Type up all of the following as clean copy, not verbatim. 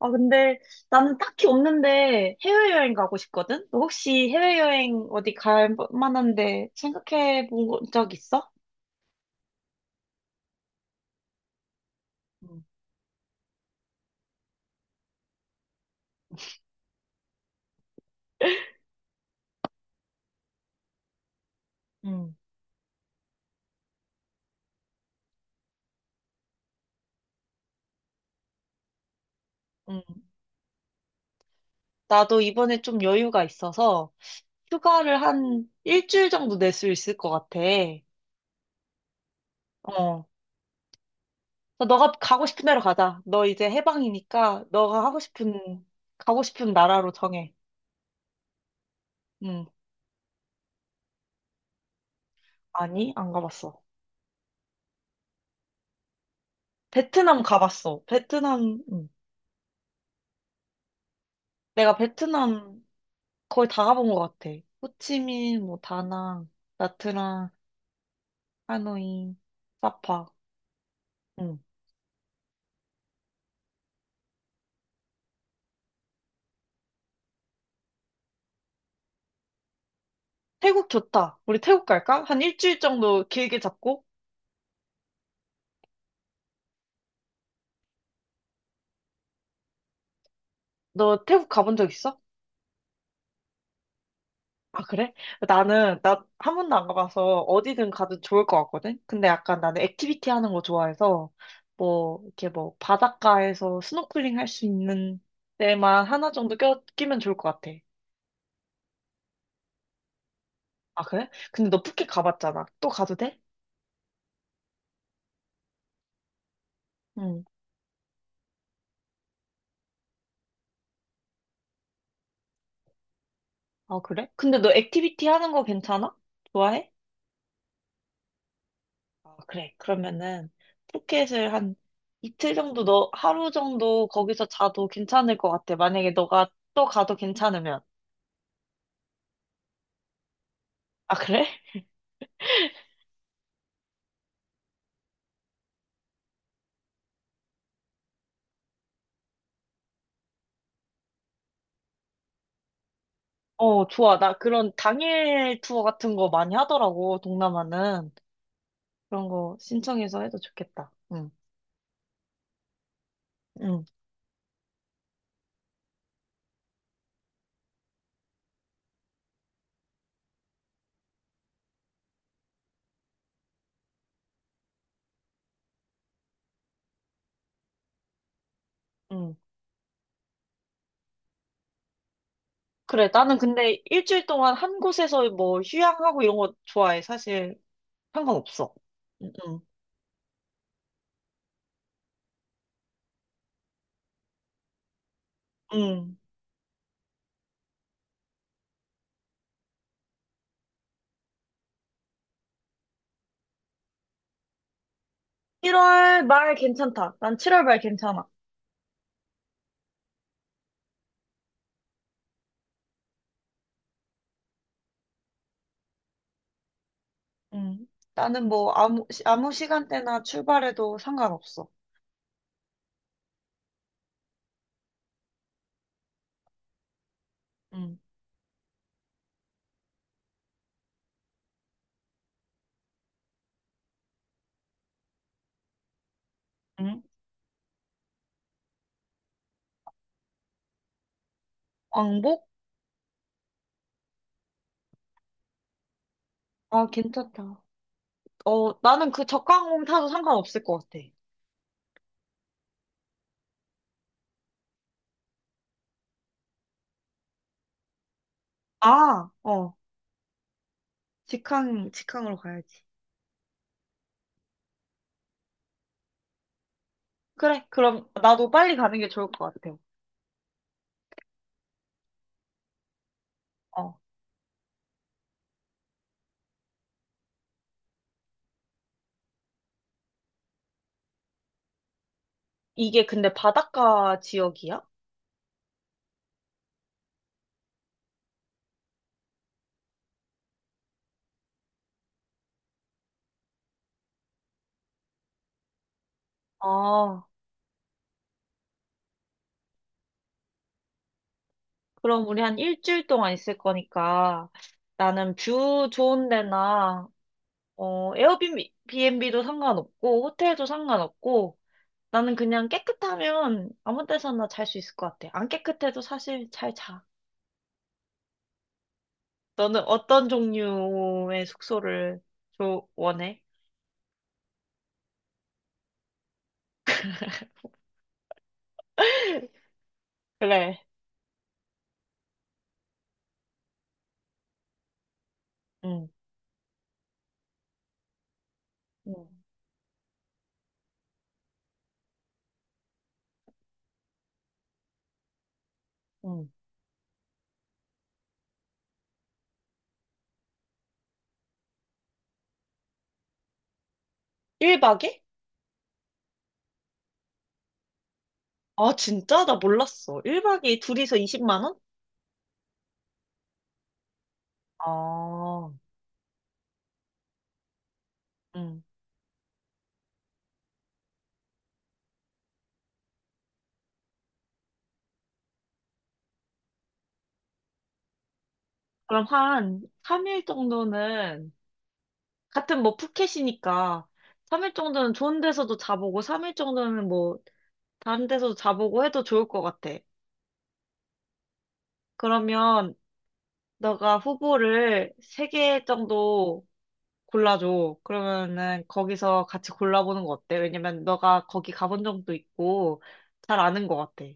아, 근데 나는 딱히 없는데 해외여행 가고 싶거든? 너 혹시 해외여행 어디 갈 만한데 생각해 본 적 있어? 응, 응, 응. 나도 이번에 좀 여유가 있어서 휴가를 한 일주일 정도 낼 수 있을 것 같아. 어. 그래서 너가 가고 싶은 데로 가자. 너 이제 해방이니까 너가 하고 싶은, 가고 싶은 나라로 정해. 응. 아니, 안 가봤어. 베트남 가봤어. 베트남, 응. 내가 베트남 거의 다 가본 것 같아. 호치민, 뭐 다낭, 나트랑, 하노이, 사파. 응. 태국 좋다. 우리 태국 갈까? 한 일주일 정도 길게 잡고. 너 태국 가본 적 있어? 아, 그래? 나는, 나 한 번도 안 가봐서 어디든 가도 좋을 것 같거든? 근데 약간 나는 액티비티 하는 거 좋아해서, 뭐, 이렇게 뭐, 바닷가에서 스노클링 할 수 있는 데만 하나 정도 끼면 좋을 것 같아. 아, 그래? 근데 너 푸켓 가봤잖아. 또 가도 돼? 응. 아, 그래? 근데 너 액티비티 하는 거 괜찮아? 좋아해? 아, 그래. 그러면은 푸켓을 한 이틀 정도 너 하루 정도 거기서 자도 괜찮을 것 같아. 만약에 너가 또 가도 괜찮으면. 아, 그래? 어, 좋아. 나 그런 당일 투어 같은 거 많이 하더라고, 동남아는. 그런 거 신청해서 해도 좋겠다. 응, 응, 응. 그래. 나는 근데 일주일 동안 한 곳에서 뭐 휴양하고 이런 거 좋아해. 사실 상관없어. 응, 응. 응. 1월 말 괜찮다. 난 7월 말 괜찮아. 응, 나는 뭐 아무, 아무 시간대나 출발해도 상관없어. 응, 응. 왕복? 아, 괜찮다. 어, 나는 그 저가항공 타도 상관없을 것 같아. 아, 어, 직항, 직항으로 가야지. 그래, 그럼 나도 빨리 가는 게 좋을 것 같아. 어, 이게 근데 바닷가 지역이야? 아, 그럼 우리 한 일주일 동안 있을 거니까 나는 뷰 좋은 데나 어, 에어비앤비도 상관없고, 호텔도 상관없고, 나는 그냥 깨끗하면 아무 데서나 잘 수 있을 것 같아. 안 깨끗해도 사실 잘 자. 너는 어떤 종류의 숙소를 원해? 그래. 응, 응, 응. 1박에? 아, 진짜? 나 몰랐어. 1박에 둘이서 20만 원? 아, 응. 그럼 한 3일 정도는, 같은 뭐 푸켓이니까, 3일 정도는 좋은 데서도 자보고, 3일 정도는 뭐 다른 데서도 자보고 해도 좋을 것 같아. 그러면 너가 후보를 세 개 정도 골라줘. 그러면은 거기서 같이 골라보는 거 어때? 왜냐면 너가 거기 가본 적도 있고 잘 아는 것 같아.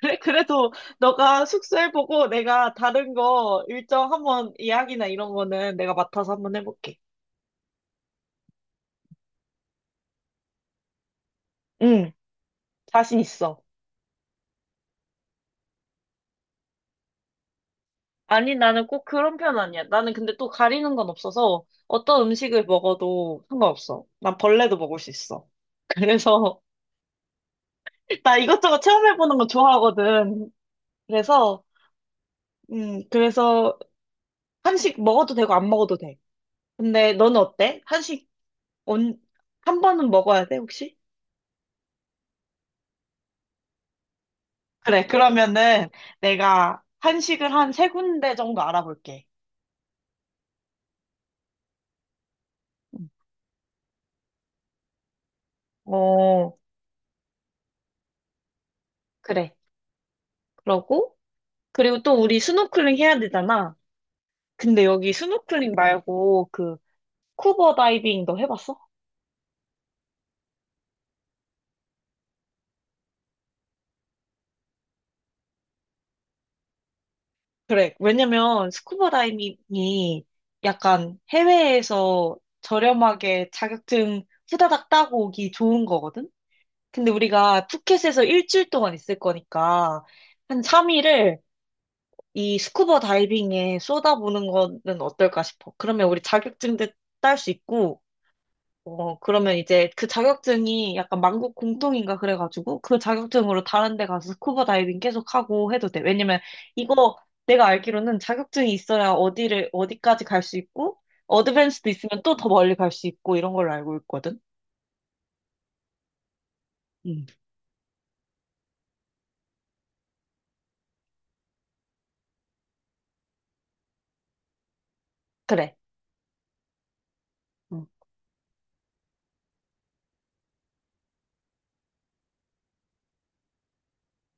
그래도 너가 숙소 해보고 내가 다른 거 일정 한번 예약이나 이런 거는 내가 맡아서 한번 해볼게. 응, 자신 있어. 아니, 나는 꼭 그런 편 아니야. 나는 근데 또 가리는 건 없어서 어떤 음식을 먹어도 상관없어. 난 벌레도 먹을 수 있어. 그래서 나 이것저것 체험해보는 거 좋아하거든. 그래서, 그래서 한식 먹어도 되고 안 먹어도 돼. 근데 너는 어때? 한식 온, 한 번은 먹어야 돼, 혹시? 그래, 그러면은 내가 한식을 한 세 군데 정도 알아볼게. 음. 어, 그래. 그러고, 그리고 또 우리 스노클링 해야 되잖아. 근데 여기 스노클링 말고 그 스쿠버 다이빙도 해봤어? 그래. 왜냐면 스쿠버 다이빙이 약간 해외에서 저렴하게 자격증 후다닥 따고 오기 좋은 거거든? 근데 우리가 푸켓에서 일주일 동안 있을 거니까 한 3일을 이 스쿠버 다이빙에 쏟아부는 거는 어떨까 싶어. 그러면 우리 자격증도 딸 수 있고 어, 그러면 이제 그 자격증이 약간 만국 공통인가 그래가지고 그 자격증으로 다른 데 가서 스쿠버 다이빙 계속 하고 해도 돼. 왜냐면 이거 내가 알기로는 자격증이 있어야 어디를, 어디까지 갈 수 있고 어드밴스도 있으면 또 더 멀리 갈 수 있고 이런 걸로 알고 있거든. 음 그래. 어.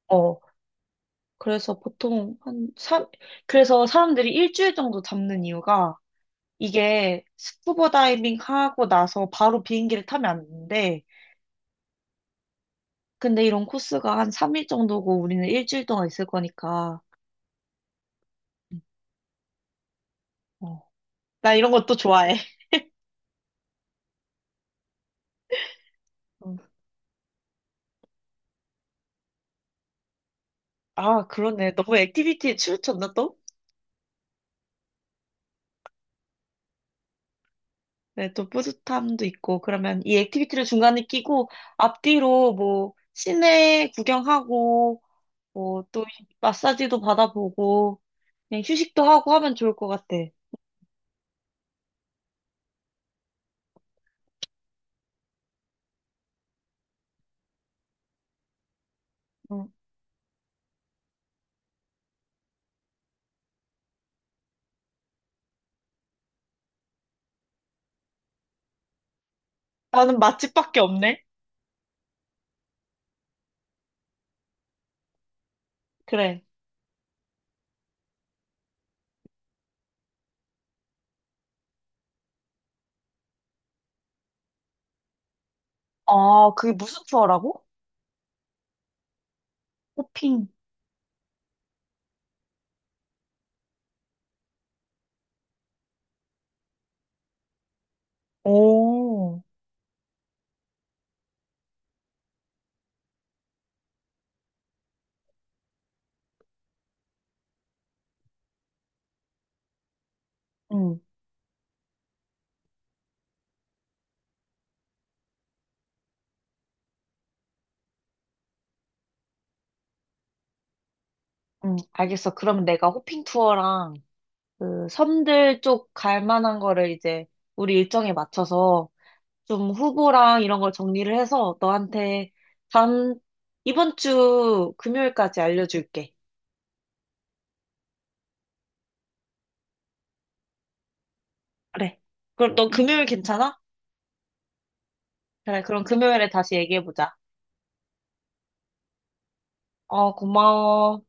어, 그래서 보통 한 삼 그래서 사람들이 일주일 정도 잡는 이유가 이게 스쿠버 다이빙 하고 나서 바로 비행기를 타면 안 돼. 근데 이런 코스가 한 3일 정도고 우리는 일주일 동안 있을 거니까. 어. 나 이런 것도 좋아해. 음. 아, 그러네. 너무 액티비티에 치우쳤나 또? 네, 또 뿌듯함도 있고. 그러면 이 액티비티를 중간에 끼고 앞뒤로 뭐 시내 구경하고 뭐 또 마사지도 받아보고 그냥 휴식도 하고 하면 좋을 것 같아. 음. 나는 맛집밖에 없네. 그래. 아, 그게 무슨 투어라고? 호핑. 오. 응 응, 알겠어. 그러면 내가 호핑 투어랑 그 섬들 쪽 갈 만한 거를 이제 우리 일정에 맞춰서 좀 후보랑 이런 걸 정리를 해서 너한테 다음, 이번 주 금요일까지 알려줄게. 그래. 그럼 너 금요일 괜찮아? 그래, 그럼 금요일에 다시 얘기해보자. 어, 고마워.